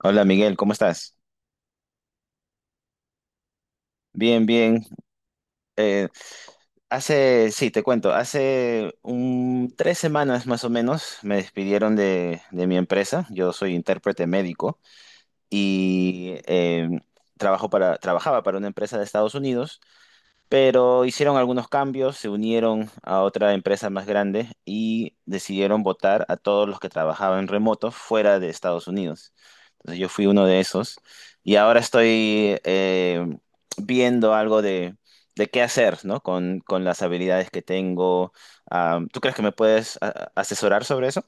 Hola Miguel, ¿cómo estás? Bien, bien. Eh, Hace, sí, te cuento, hace 3 semanas más o menos me despidieron de mi empresa. Yo soy intérprete médico y trabajo para, trabajaba para una empresa de Estados Unidos, pero hicieron algunos cambios, se unieron a otra empresa más grande y decidieron votar a todos los que trabajaban remoto fuera de Estados Unidos. Entonces yo fui uno de esos y ahora estoy viendo algo de qué hacer, ¿no? Con las habilidades que tengo. Ah, ¿tú crees que me puedes asesorar sobre eso?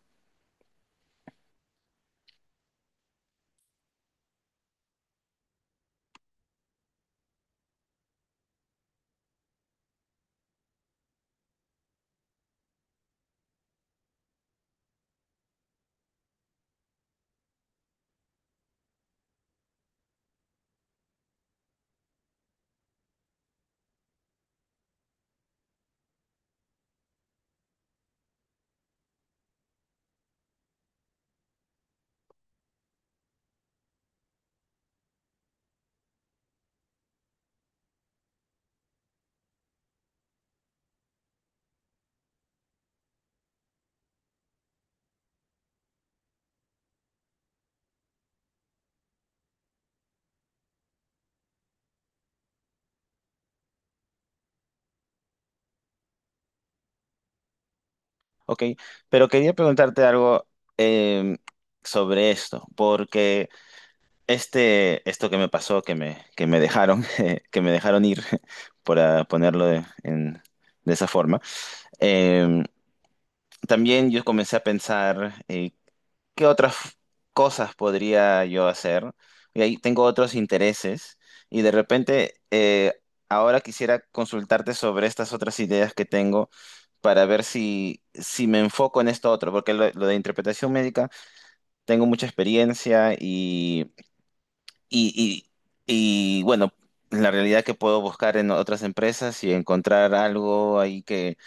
Ok, pero quería preguntarte algo, eh, sobre esto, porque... Este, esto que me pasó, que me dejaron, que me dejaron ir, para ponerlo de esa forma, eh, también yo comencé a pensar qué otras cosas podría yo hacer. Y ahí tengo otros intereses y de repente ahora quisiera consultarte sobre estas otras ideas que tengo para ver si, si me enfoco en esto otro, porque lo de interpretación médica tengo mucha experiencia y, y bueno, la realidad que puedo buscar en otras empresas y encontrar algo ahí que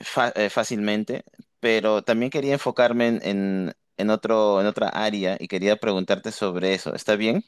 fácilmente, pero también quería enfocarme en otro, en otra área y quería preguntarte sobre eso. ¿Está bien?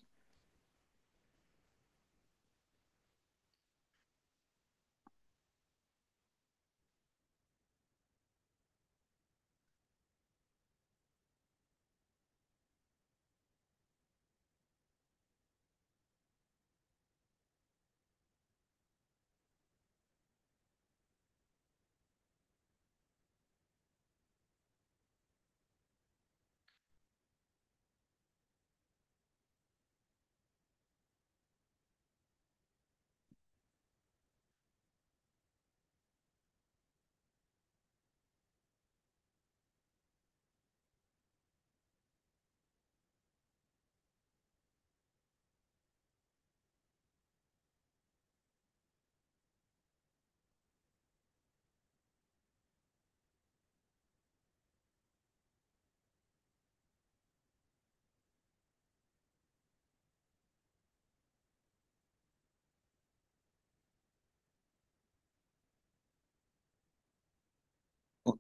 U-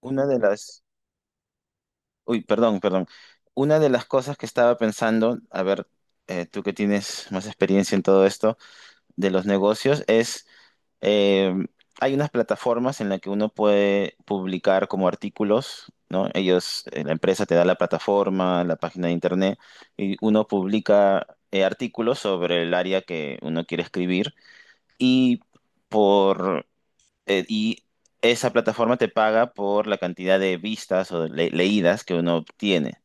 Una de las, uy, perdón, perdón. Una de las cosas que estaba pensando, a ver, tú que tienes más experiencia en todo esto de los negocios, es, eh, hay unas plataformas en las que uno puede publicar como artículos, ¿no? Ellos, la empresa te da la plataforma, la página de internet, y uno publica artículos sobre el área que uno quiere escribir y por y esa plataforma te paga por la cantidad de vistas o leídas que uno obtiene.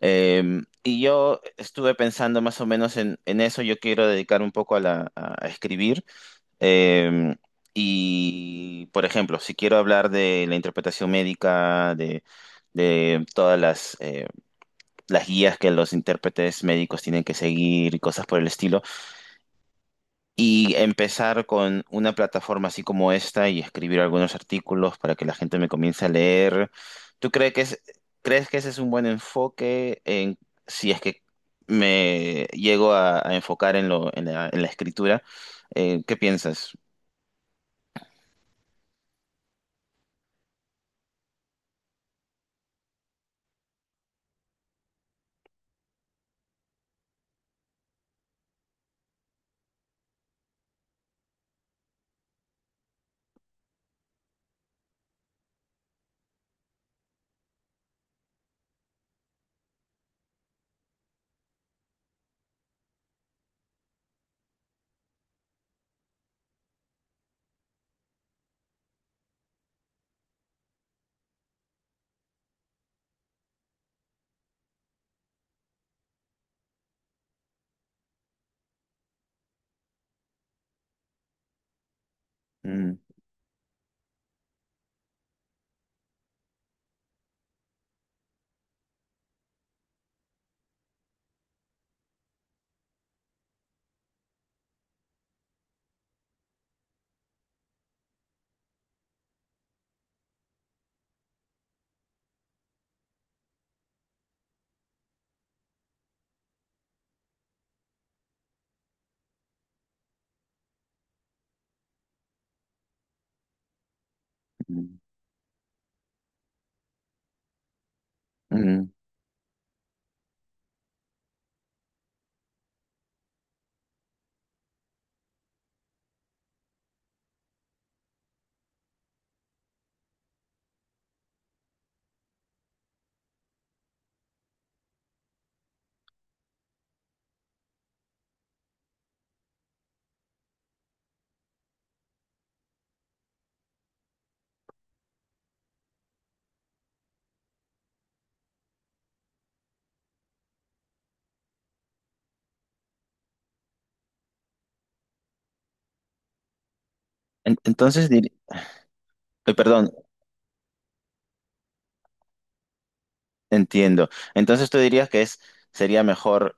Y yo estuve pensando más o menos en eso. Yo quiero dedicar un poco a a escribir. Eh, y, por ejemplo, si quiero hablar de la interpretación médica, de todas las guías que los intérpretes médicos tienen que seguir y cosas por el estilo, y empezar con una plataforma así como esta y escribir algunos artículos para que la gente me comience a leer, ¿tú crees que es, crees que ese es un buen enfoque en, si es que me llego a enfocar en lo, en la escritura? ¿Qué piensas? Mm. Mm. Entonces, perdón, entiendo. Entonces tú dirías que es, sería mejor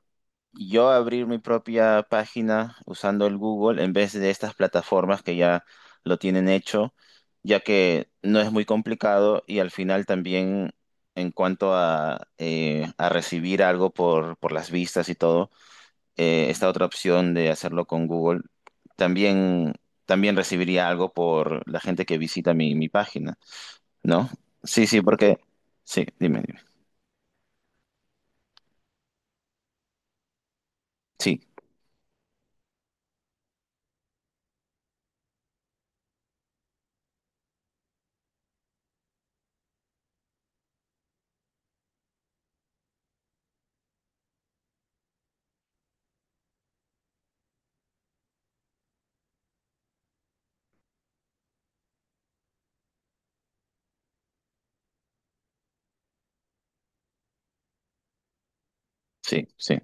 yo abrir mi propia página usando el Google en vez de estas plataformas que ya lo tienen hecho, ya que no es muy complicado y al final también en cuanto a recibir algo por las vistas y todo, esta otra opción de hacerlo con Google también, también recibiría algo por la gente que visita mi, mi página. ¿No? Sí, sí, porque... Sí, dime, dime. Sí, sí, sí.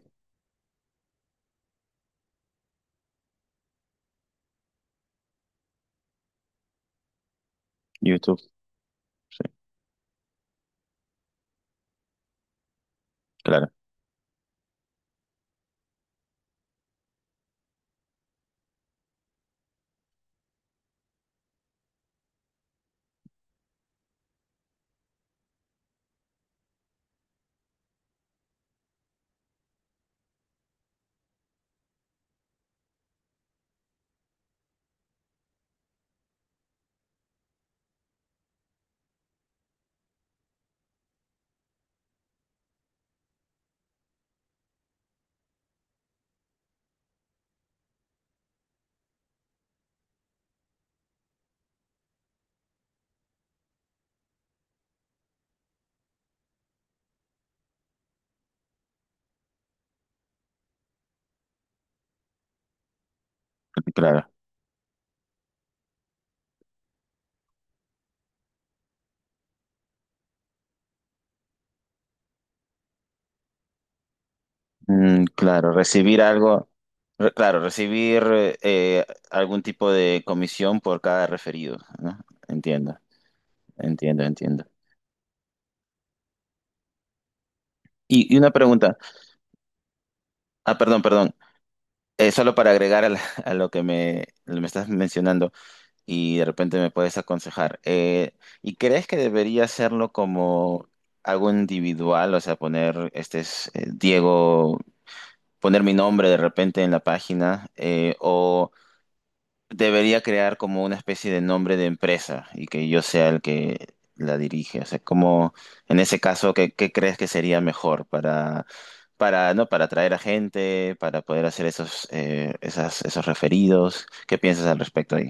YouTube, sí, claro, claro. Mm, claro, recibir algo, claro, recibir, algún tipo de comisión por cada referido, ¿no? Entiendo, entiendo, entiendo. Y una pregunta, ah, perdón, perdón, solo para agregar a, a lo que me estás mencionando. Y de repente me puedes aconsejar. ¿Y crees que debería hacerlo como algo individual? O sea, poner, este es, Diego, poner mi nombre de repente en la página, o debería crear como una especie de nombre de empresa y que yo sea el que la dirige. O sea, como en ese caso, ¿qué, qué crees que sería mejor para... Para, ¿no?, para atraer a gente, para poder hacer esos, esas, esos referidos. ¿Qué piensas al respecto ahí?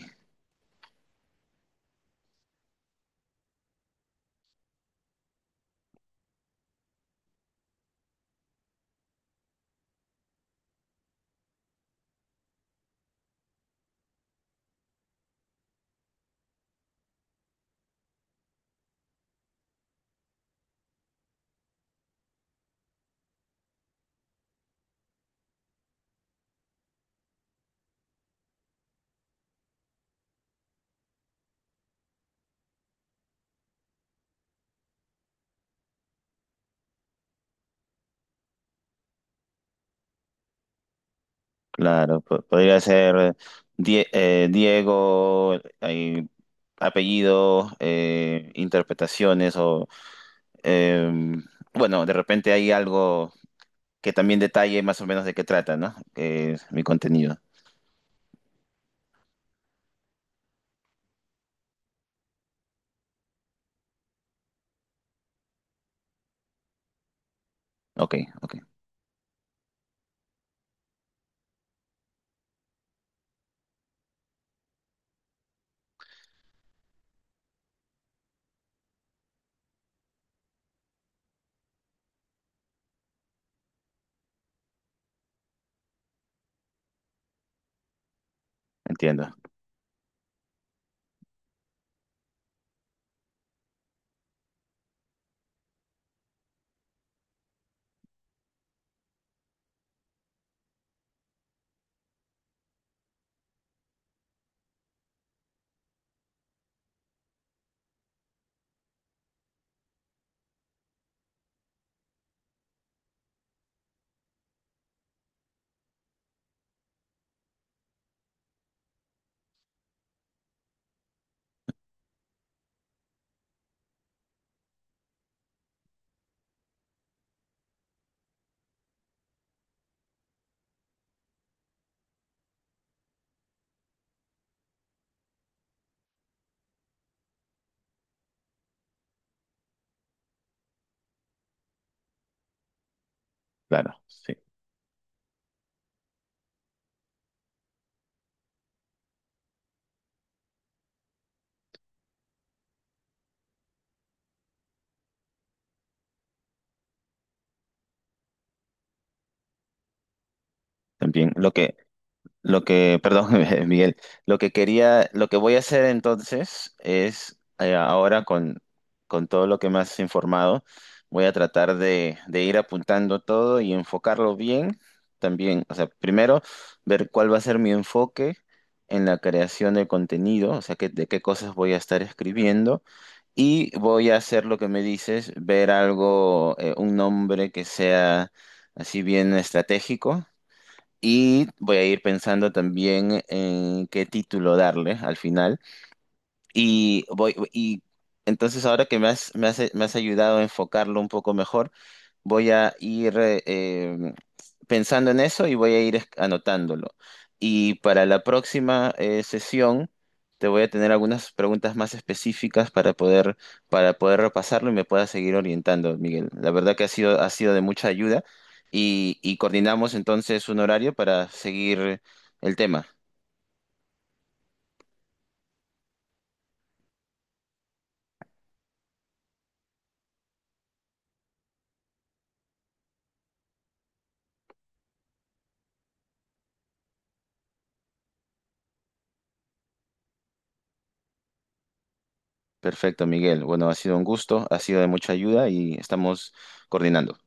Claro, podría ser Diego, hay apellidos, interpretaciones o, eh, bueno, de repente hay algo que también detalle más o menos de qué trata, ¿no? Que es mi contenido. Ok, ok, entiendo. Claro, sí. También lo que, lo que, perdón, Miguel, lo que quería, lo que voy a hacer entonces es, ahora con todo lo que me has informado, voy a tratar de ir apuntando todo y enfocarlo bien también. O sea, primero, ver cuál va a ser mi enfoque en la creación de contenido, o sea, de qué cosas voy a estar escribiendo. Y voy a hacer lo que me dices, ver algo, un nombre que sea así bien estratégico y voy a ir pensando también en qué título darle al final. Y voy, y entonces ahora que me has, me has, me has ayudado a enfocarlo un poco mejor. Voy a ir, pensando en eso y voy a ir anotándolo. Y para la próxima, sesión te voy a tener algunas preguntas más específicas para poder repasarlo y me puedas seguir orientando, Miguel. La verdad que ha sido de mucha ayuda y coordinamos entonces un horario para seguir el tema. Perfecto, Miguel. Bueno, ha sido un gusto, ha sido de mucha ayuda y estamos coordinando.